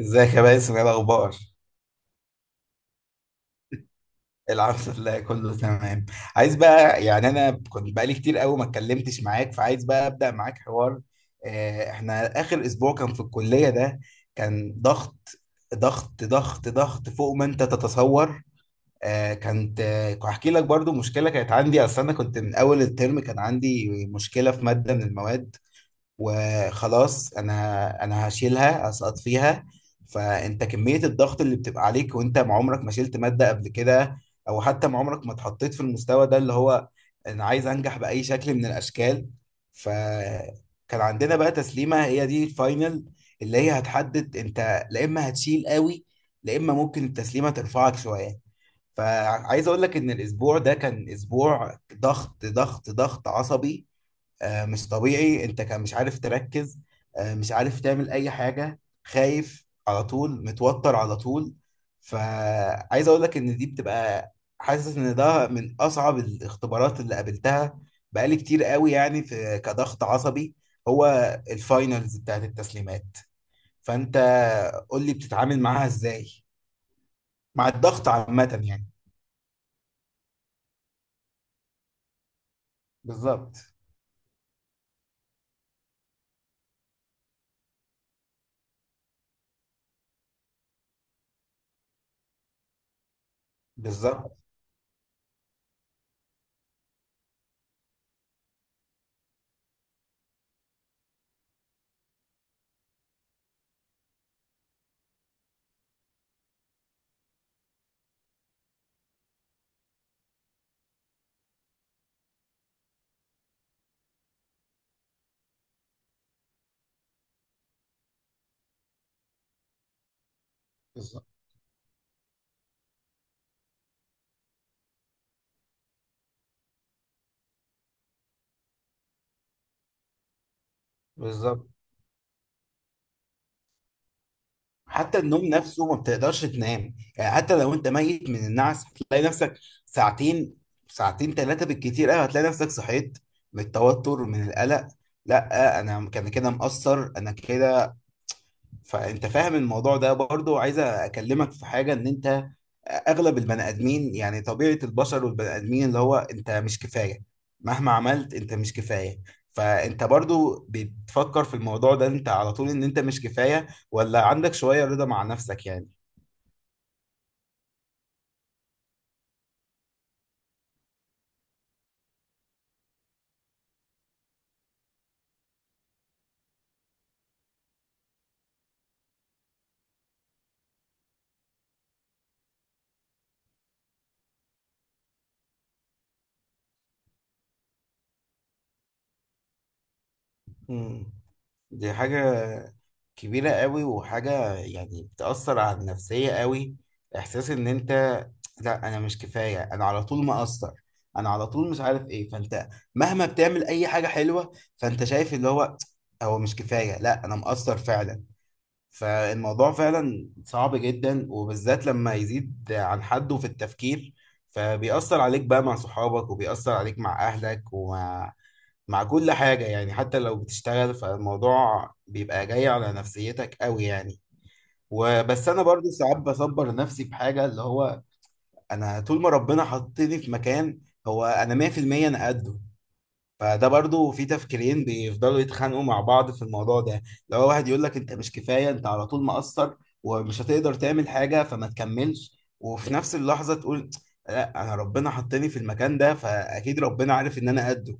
ازيك يا باسم؟ ايه الاخبار؟ الحمد لله، كله تمام. عايز بقى يعني، انا كنت بقالي كتير قوي ما اتكلمتش معاك، فعايز بقى ابدا معاك حوار. احنا اخر اسبوع كان في الكليه ده، كان ضغط. ضغط ضغط ضغط فوق ما انت تتصور. آه، كانت آه، هحكي لك برضو مشكله كانت عندي. اصل انا كنت من اول الترم كان عندي مشكله في ماده من المواد، وخلاص انا هشيلها، اسقط فيها. فانت كمية الضغط اللي بتبقى عليك، وانت ما عمرك ما شلت مادة قبل كده، او حتى ما عمرك ما اتحطيت في المستوى ده، اللي هو انا عايز انجح بأي شكل من الاشكال. فكان عندنا بقى تسليمة هي دي الفاينل، اللي هي هتحدد انت لا اما هتشيل قوي، لا اما ممكن التسليمة ترفعك شوية. فعايز اقول لك ان الاسبوع ده كان اسبوع ضغط ضغط ضغط عصبي. مش طبيعي، انت كان مش عارف تركز. مش عارف تعمل اي حاجة، خايف على طول، متوتر على طول. فعايز اقول لك ان دي بتبقى، حاسس ان ده من اصعب الاختبارات اللي قابلتها. بقالي كتير قوي يعني في كضغط عصبي. هو الفاينلز بتاعت التسليمات. فانت قول لي بتتعامل معاها ازاي؟ مع الضغط عامة يعني. بالظبط، بالظبط، بالظبط، بالظبط. حتى النوم نفسه ما بتقدرش تنام، يعني حتى لو انت ميت من النعس هتلاقي نفسك ساعتين، ساعتين 3 بالكتير قوي، هتلاقي نفسك صحيت من التوتر، من القلق. لا انا كان كده مقصر، انا كده. فانت فاهم الموضوع ده. برضو عايز اكلمك في حاجه، ان انت اغلب البني ادمين، يعني طبيعه البشر والبني ادمين، اللي هو انت مش كفايه، مهما عملت انت مش كفايه. فانت برضو بتفكر في الموضوع ده، انت على طول ان انت مش كفايه، ولا عندك شويه رضا مع نفسك يعني؟ مم. دي حاجة كبيرة قوي، وحاجة يعني بتأثر على النفسية قوي. إحساس إن أنت، لا أنا مش كفاية، أنا على طول مقصر، أنا على طول مش عارف إيه. فأنت مهما بتعمل أي حاجة حلوة فأنت شايف اللي هو، هو مش كفاية، لا أنا مقصر فعلا. فالموضوع فعلا صعب جدا، وبالذات لما يزيد عن حده في التفكير. فبيأثر عليك بقى مع صحابك، وبيأثر عليك مع أهلك، مع كل حاجة يعني. حتى لو بتشتغل فالموضوع بيبقى جاي على نفسيتك قوي يعني. وبس أنا برضو ساعات بصبر نفسي بحاجة، اللي هو أنا طول ما ربنا حطني في مكان، هو أنا 100%، أنا قده. فده برضو في تفكيرين بيفضلوا يتخانقوا مع بعض في الموضوع ده. لو واحد يقول لك أنت مش كفاية، أنت على طول مقصر، ومش هتقدر تعمل حاجة فما تكملش، وفي نفس اللحظة تقول لا، أنا ربنا حطني في المكان ده، فأكيد ربنا عارف إن أنا قده.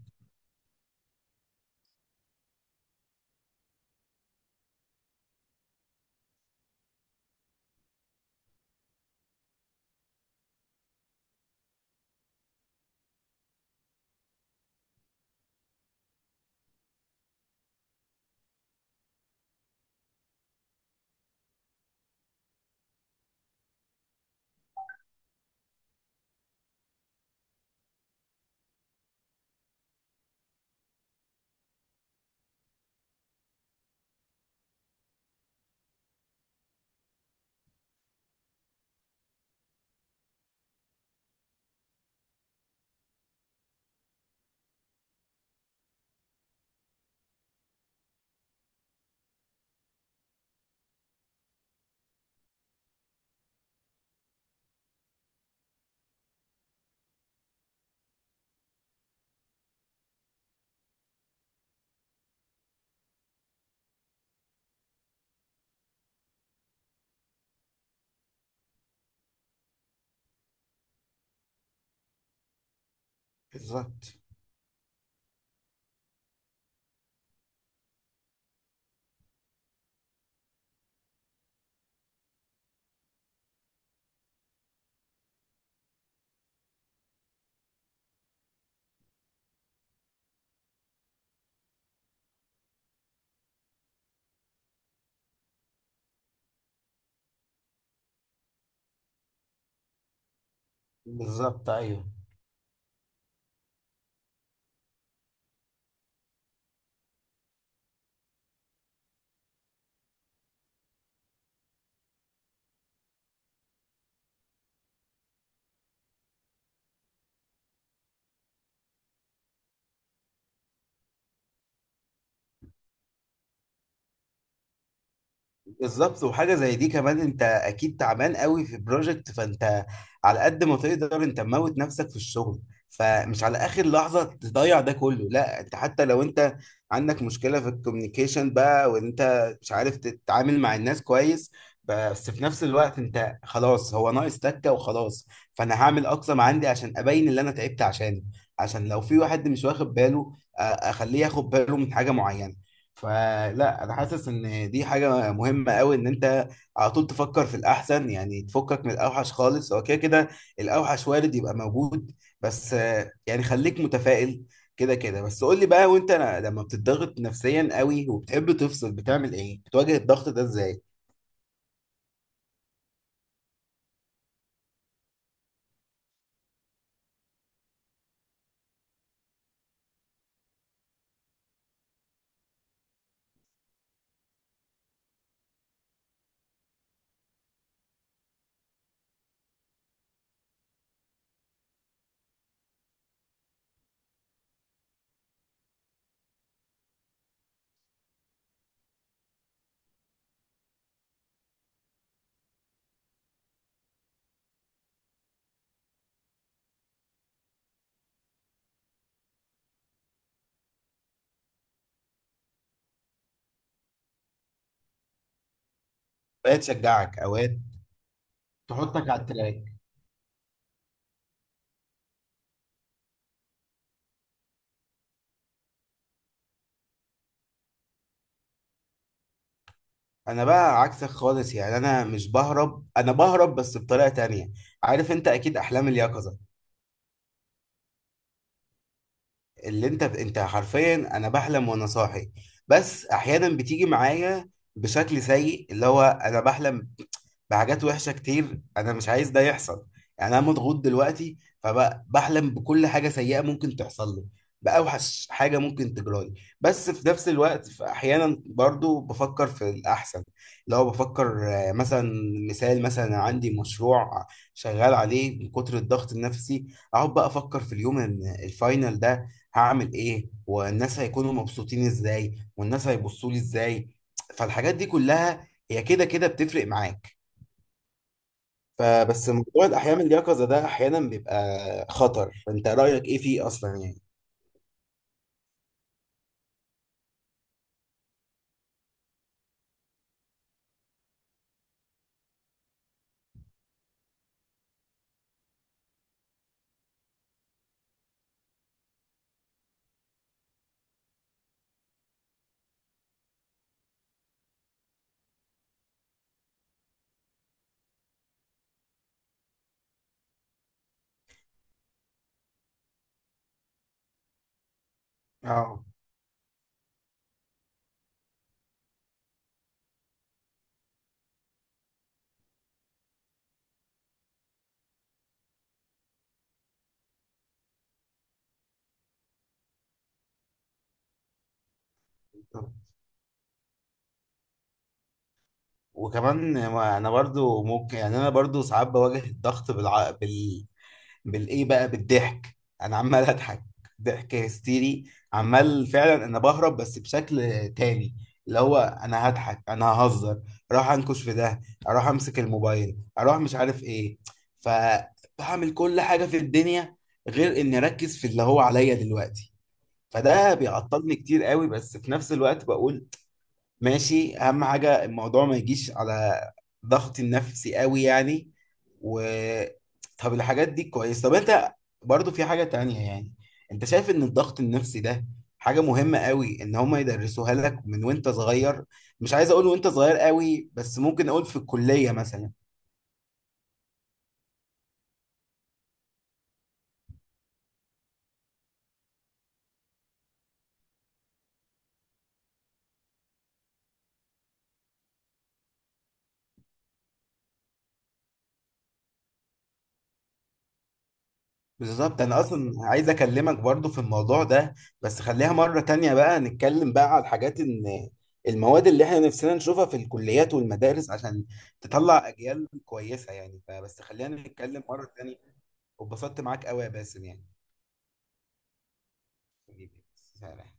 بالظبط. بالظبط، ايوه. بالظبط، وحاجه زي دي كمان، انت اكيد تعبان قوي في بروجكت، فانت على قد ما تقدر انت موت نفسك في الشغل، فمش على اخر لحظه تضيع ده كله. لا، انت حتى لو انت عندك مشكله في الكوميونيكيشن بقى، وانت مش عارف تتعامل مع الناس كويس، بس في نفس الوقت انت خلاص، هو ناقص تكه وخلاص. فانا هعمل اقصى ما عندي عشان ابين اللي انا تعبت عشانه، عشان لو في واحد مش واخد باله، اخليه ياخد باله من حاجه معينه. فلا، انا حاسس ان دي حاجه مهمه قوي، ان انت على طول تفكر في الاحسن، يعني تفكك من الاوحش خالص، هو كده كده الاوحش وارد يبقى موجود. بس يعني خليك متفائل كده كده. بس قول لي بقى، وانت لما بتضغط نفسيا قوي وبتحب تفصل، بتعمل ايه؟ بتواجه الضغط ده ازاي؟ اوقات تشجعك، اوقات تحطك على التراك. انا بقى عكسك خالص، يعني انا مش بهرب، انا بهرب بس بطريقه تانية. عارف انت اكيد احلام اليقظه، اللي انت انت حرفيا انا بحلم وانا صاحي. بس احيانا بتيجي معايا بشكل سيء، اللي هو انا بحلم بحاجات وحشه كتير انا مش عايز ده يحصل. يعني انا مضغوط دلوقتي، فبحلم بكل حاجه سيئه ممكن تحصل لي، باوحش حاجه ممكن تجرالي. بس في نفس الوقت في احيانا برضو بفكر في الاحسن، اللي هو بفكر مثلا. مثال مثلا، عندي مشروع شغال عليه من كتر الضغط النفسي، اقعد بقى افكر في اليوم ان الفاينل ده هعمل ايه، والناس هيكونوا مبسوطين ازاي، والناس هيبصوا لي ازاي. فالحاجات دي كلها هي كده كده بتفرق معاك. فبس موضوع الأحياء من اليقظة ده أحيانا بيبقى خطر. فأنت رأيك إيه فيه أصلا يعني؟ اه. طب، وكمان انا برضو ممكن يعني، انا برضو ساعات بواجه الضغط بالايه بقى، بالضحك. انا عمال اضحك، ضحك هستيري، عمال فعلا. انا بهرب بس بشكل تاني، اللي هو انا هضحك، انا ههزر، اروح انكش في ده، اروح امسك الموبايل، اروح مش عارف ايه. فبعمل كل حاجة في الدنيا غير اني اركز في اللي هو عليا دلوقتي. فده بيعطلني كتير قوي، بس في نفس الوقت بقول ماشي، اهم حاجه الموضوع ما يجيش على ضغط النفسي قوي يعني. و طب الحاجات دي كويس. طب انت برضو في حاجه تانية يعني، انت شايف ان الضغط النفسي ده حاجه مهمه قوي، ان هما يدرسوها لك من وانت صغير؟ مش عايز اقول وانت صغير قوي، بس ممكن اقول في الكليه مثلا. بالظبط، انا اصلا عايز اكلمك برضو في الموضوع ده، بس خليها مرة تانية بقى، نتكلم بقى على الحاجات، ان المواد اللي احنا نفسنا نشوفها في الكليات والمدارس عشان تطلع اجيال كويسة يعني، فبس خلينا نتكلم مرة تانية. واتبسطت معاك قوي يا باسم يعني. حبيبي. سلام.